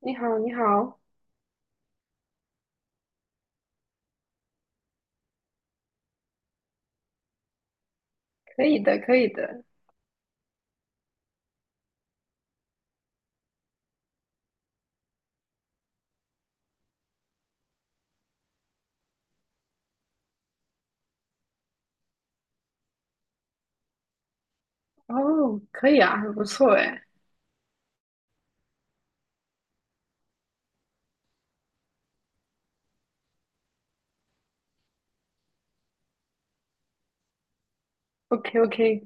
你好，你好，可以的，可以的，哦，可以啊，很不错哎，OK，OK，OK。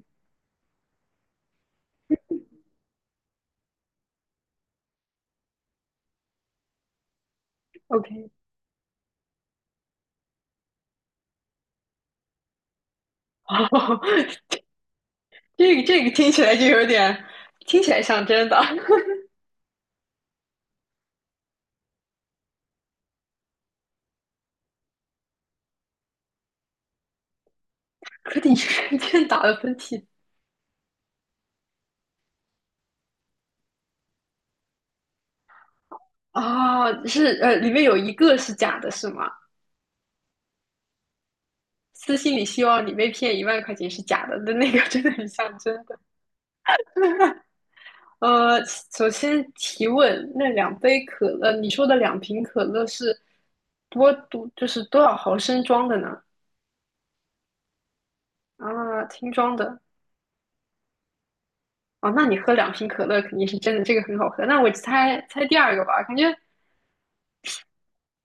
哦，这个听起来就有点，听起来像真的。可你瞬间打了喷嚏啊。哦，是里面有一个是假的，是吗？私信里希望你被骗一万块钱是假的的那个真的很像真的。首先提问，那两杯可乐，你说的两瓶可乐是就是多少毫升装的呢？啊，听装的哦。那你喝两瓶可乐肯定是真的，这个很好喝。那我猜猜第二个吧，感觉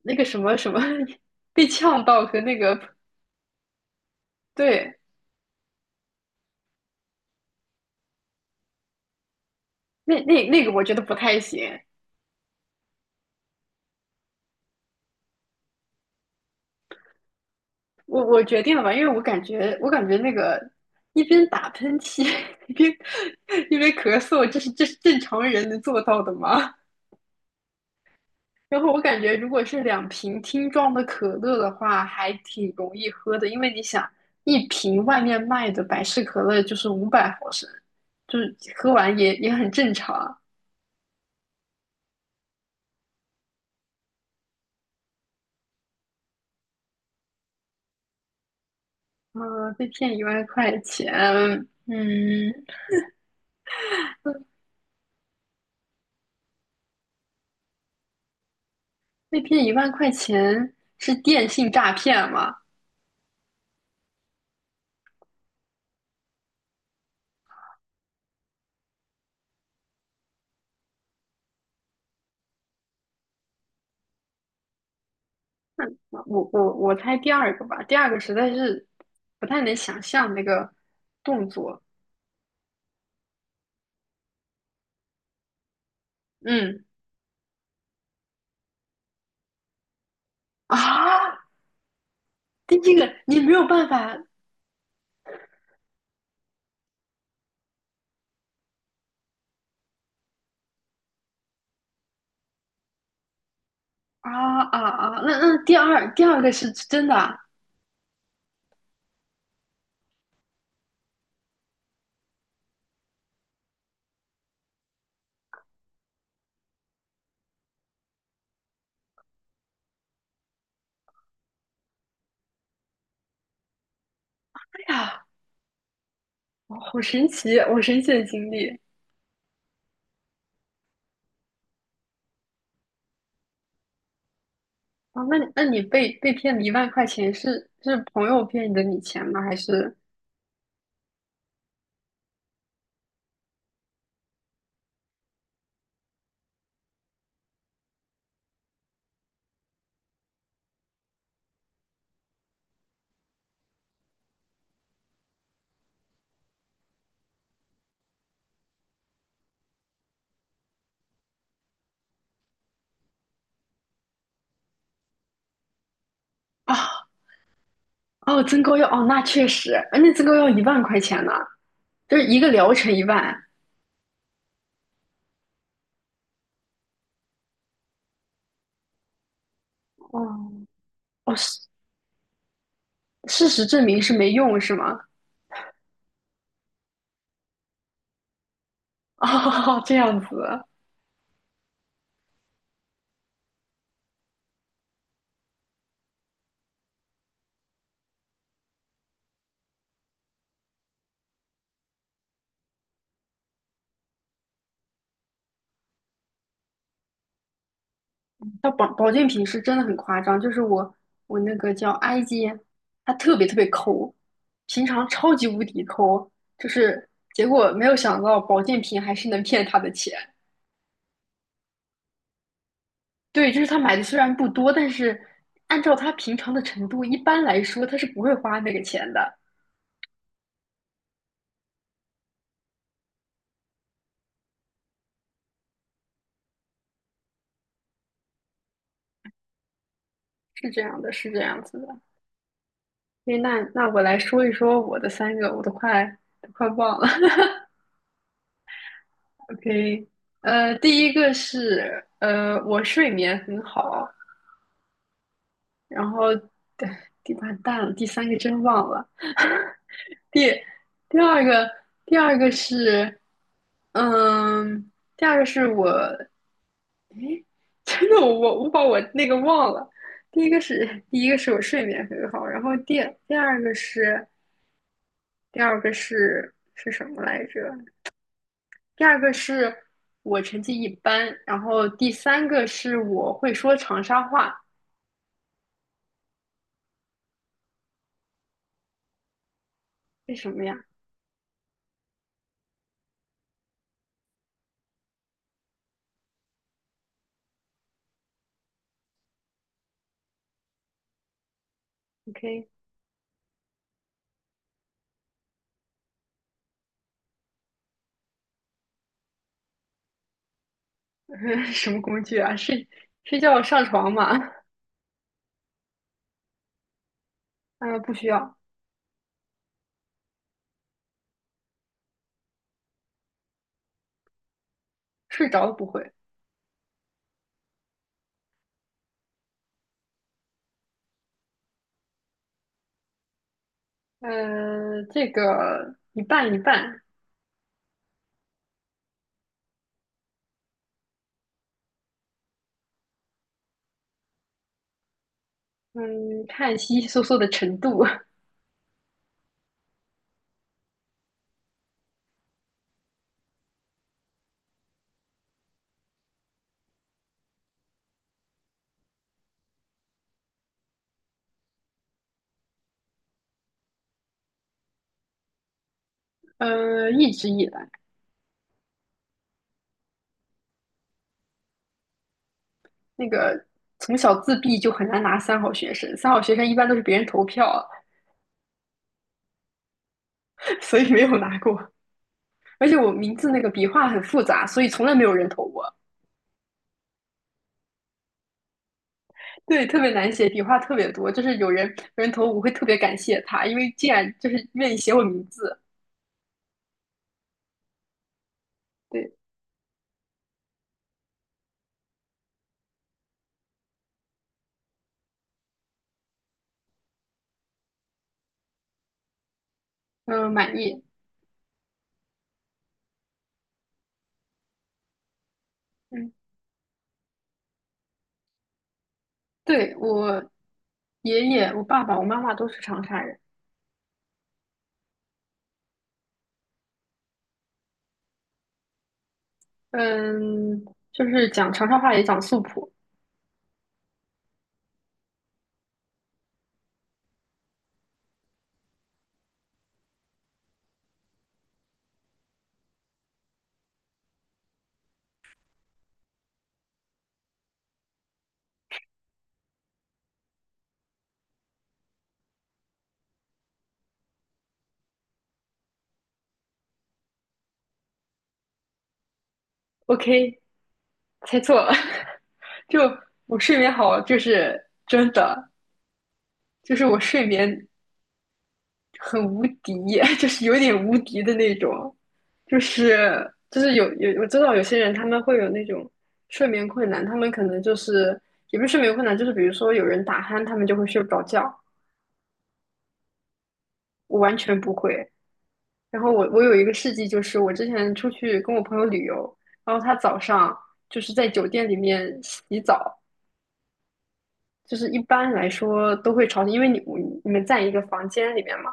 那个什么什么 被呛到和那个。对，那个我觉得不太行。我决定了吧，因为我感觉那个一边打喷嚏 一边一边咳嗽，这是正常人能做到的吗？然后我感觉，如果是两瓶听装的可乐的话，还挺容易喝的，因为你想，一瓶外面卖的百事可乐就是500毫升，就是喝完也很正常。啊，被骗一万块钱。嗯，被骗一万块钱是电信诈骗吗？我猜第二个吧，第二个实在是不太能想象那个动作。嗯。 啊，第一个你没有办法。啊啊啊！那第二个是真的啊。哎呀，好神奇，好神奇的经历啊！那你被骗了一万块钱，是朋友骗你的钱吗？还是啊，哦，增购药哦，那确实。哎，那增购药一万块钱呢，就是一个疗程一万。哦哦，事实证明是没用是吗？哦，这样子。到保健品是真的很夸张。就是我那个叫埃及，他特别特别抠，平常超级无敌抠，就是结果没有想到保健品还是能骗他的钱。对，就是他买的虽然不多，但是按照他平常的程度，一般来说他是不会花那个钱的。是这样的，是这样子的。所以那我来说一说我的三个，我都快忘了。OK。第一个是我睡眠很好。然后对，第八蛋了，第三个真忘了。第第二个，第二个是，嗯，第二个是我，诶。真的我把我那个忘了。第一个是我睡眠很好，然后第二个是第二个是什么来着？第二个是我成绩一般，然后第三个是我会说长沙话。为什么呀？OK。什么工具啊？睡觉上床吗？嗯，不需要。睡着了不会。这个一半一半。嗯，看稀稀疏疏的程度。一直以来。那个从小自闭就很难拿三好学生，三好学生一般都是别人投票。所以没有拿过。而且我名字那个笔画很复杂，所以从来没有人投我。对，特别难写，笔画特别多，就是有人投我会特别感谢他，因为既然就是愿意写我名字。对。嗯，满意。嗯，对，我爷爷、我爸爸、我妈妈都是长沙人。嗯，就是讲长沙话也讲素普。OK，猜错了。就我睡眠好，就是真的，就是我睡眠很无敌。就是有点无敌的那种，就是我知道有些人他们会有那种睡眠困难，他们可能就是也不是睡眠困难，就是比如说有人打鼾，他们就会睡不着觉，我完全不会。然后我有一个事迹，就是我之前出去跟我朋友旅游，然后他早上就是在酒店里面洗澡，就是一般来说都会吵，因为你们在一个房间里面嘛，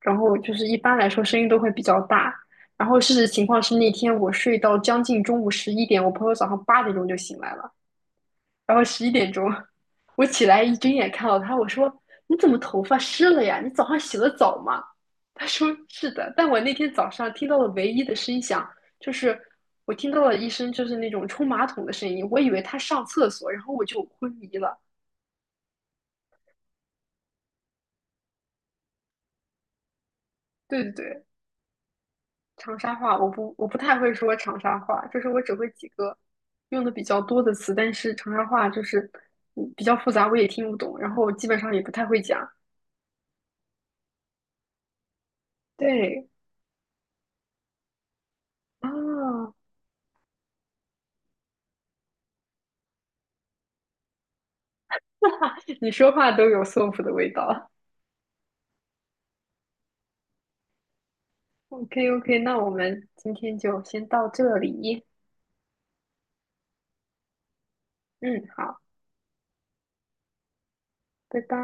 然后就是一般来说声音都会比较大。然后事实情况是那天我睡到将近中午十一点，我朋友早上8点钟就醒来了，然后11点钟，我起来一睁眼看到他，我说：“你怎么头发湿了呀？你早上洗的澡吗？” 他说：“是的。”但我那天早上听到了唯一的声响，就是我听到了一声就是那种冲马桶的声音，我以为他上厕所，然后我就昏迷了。对对对，长沙话我不太会说长沙话，就是我只会几个用的比较多的词，但是长沙话就是比较复杂，我也听不懂，然后基本上也不太会讲。对啊，你说话都有 soap 的味道。OK OK，那我们今天就先到这里。嗯，好，拜拜。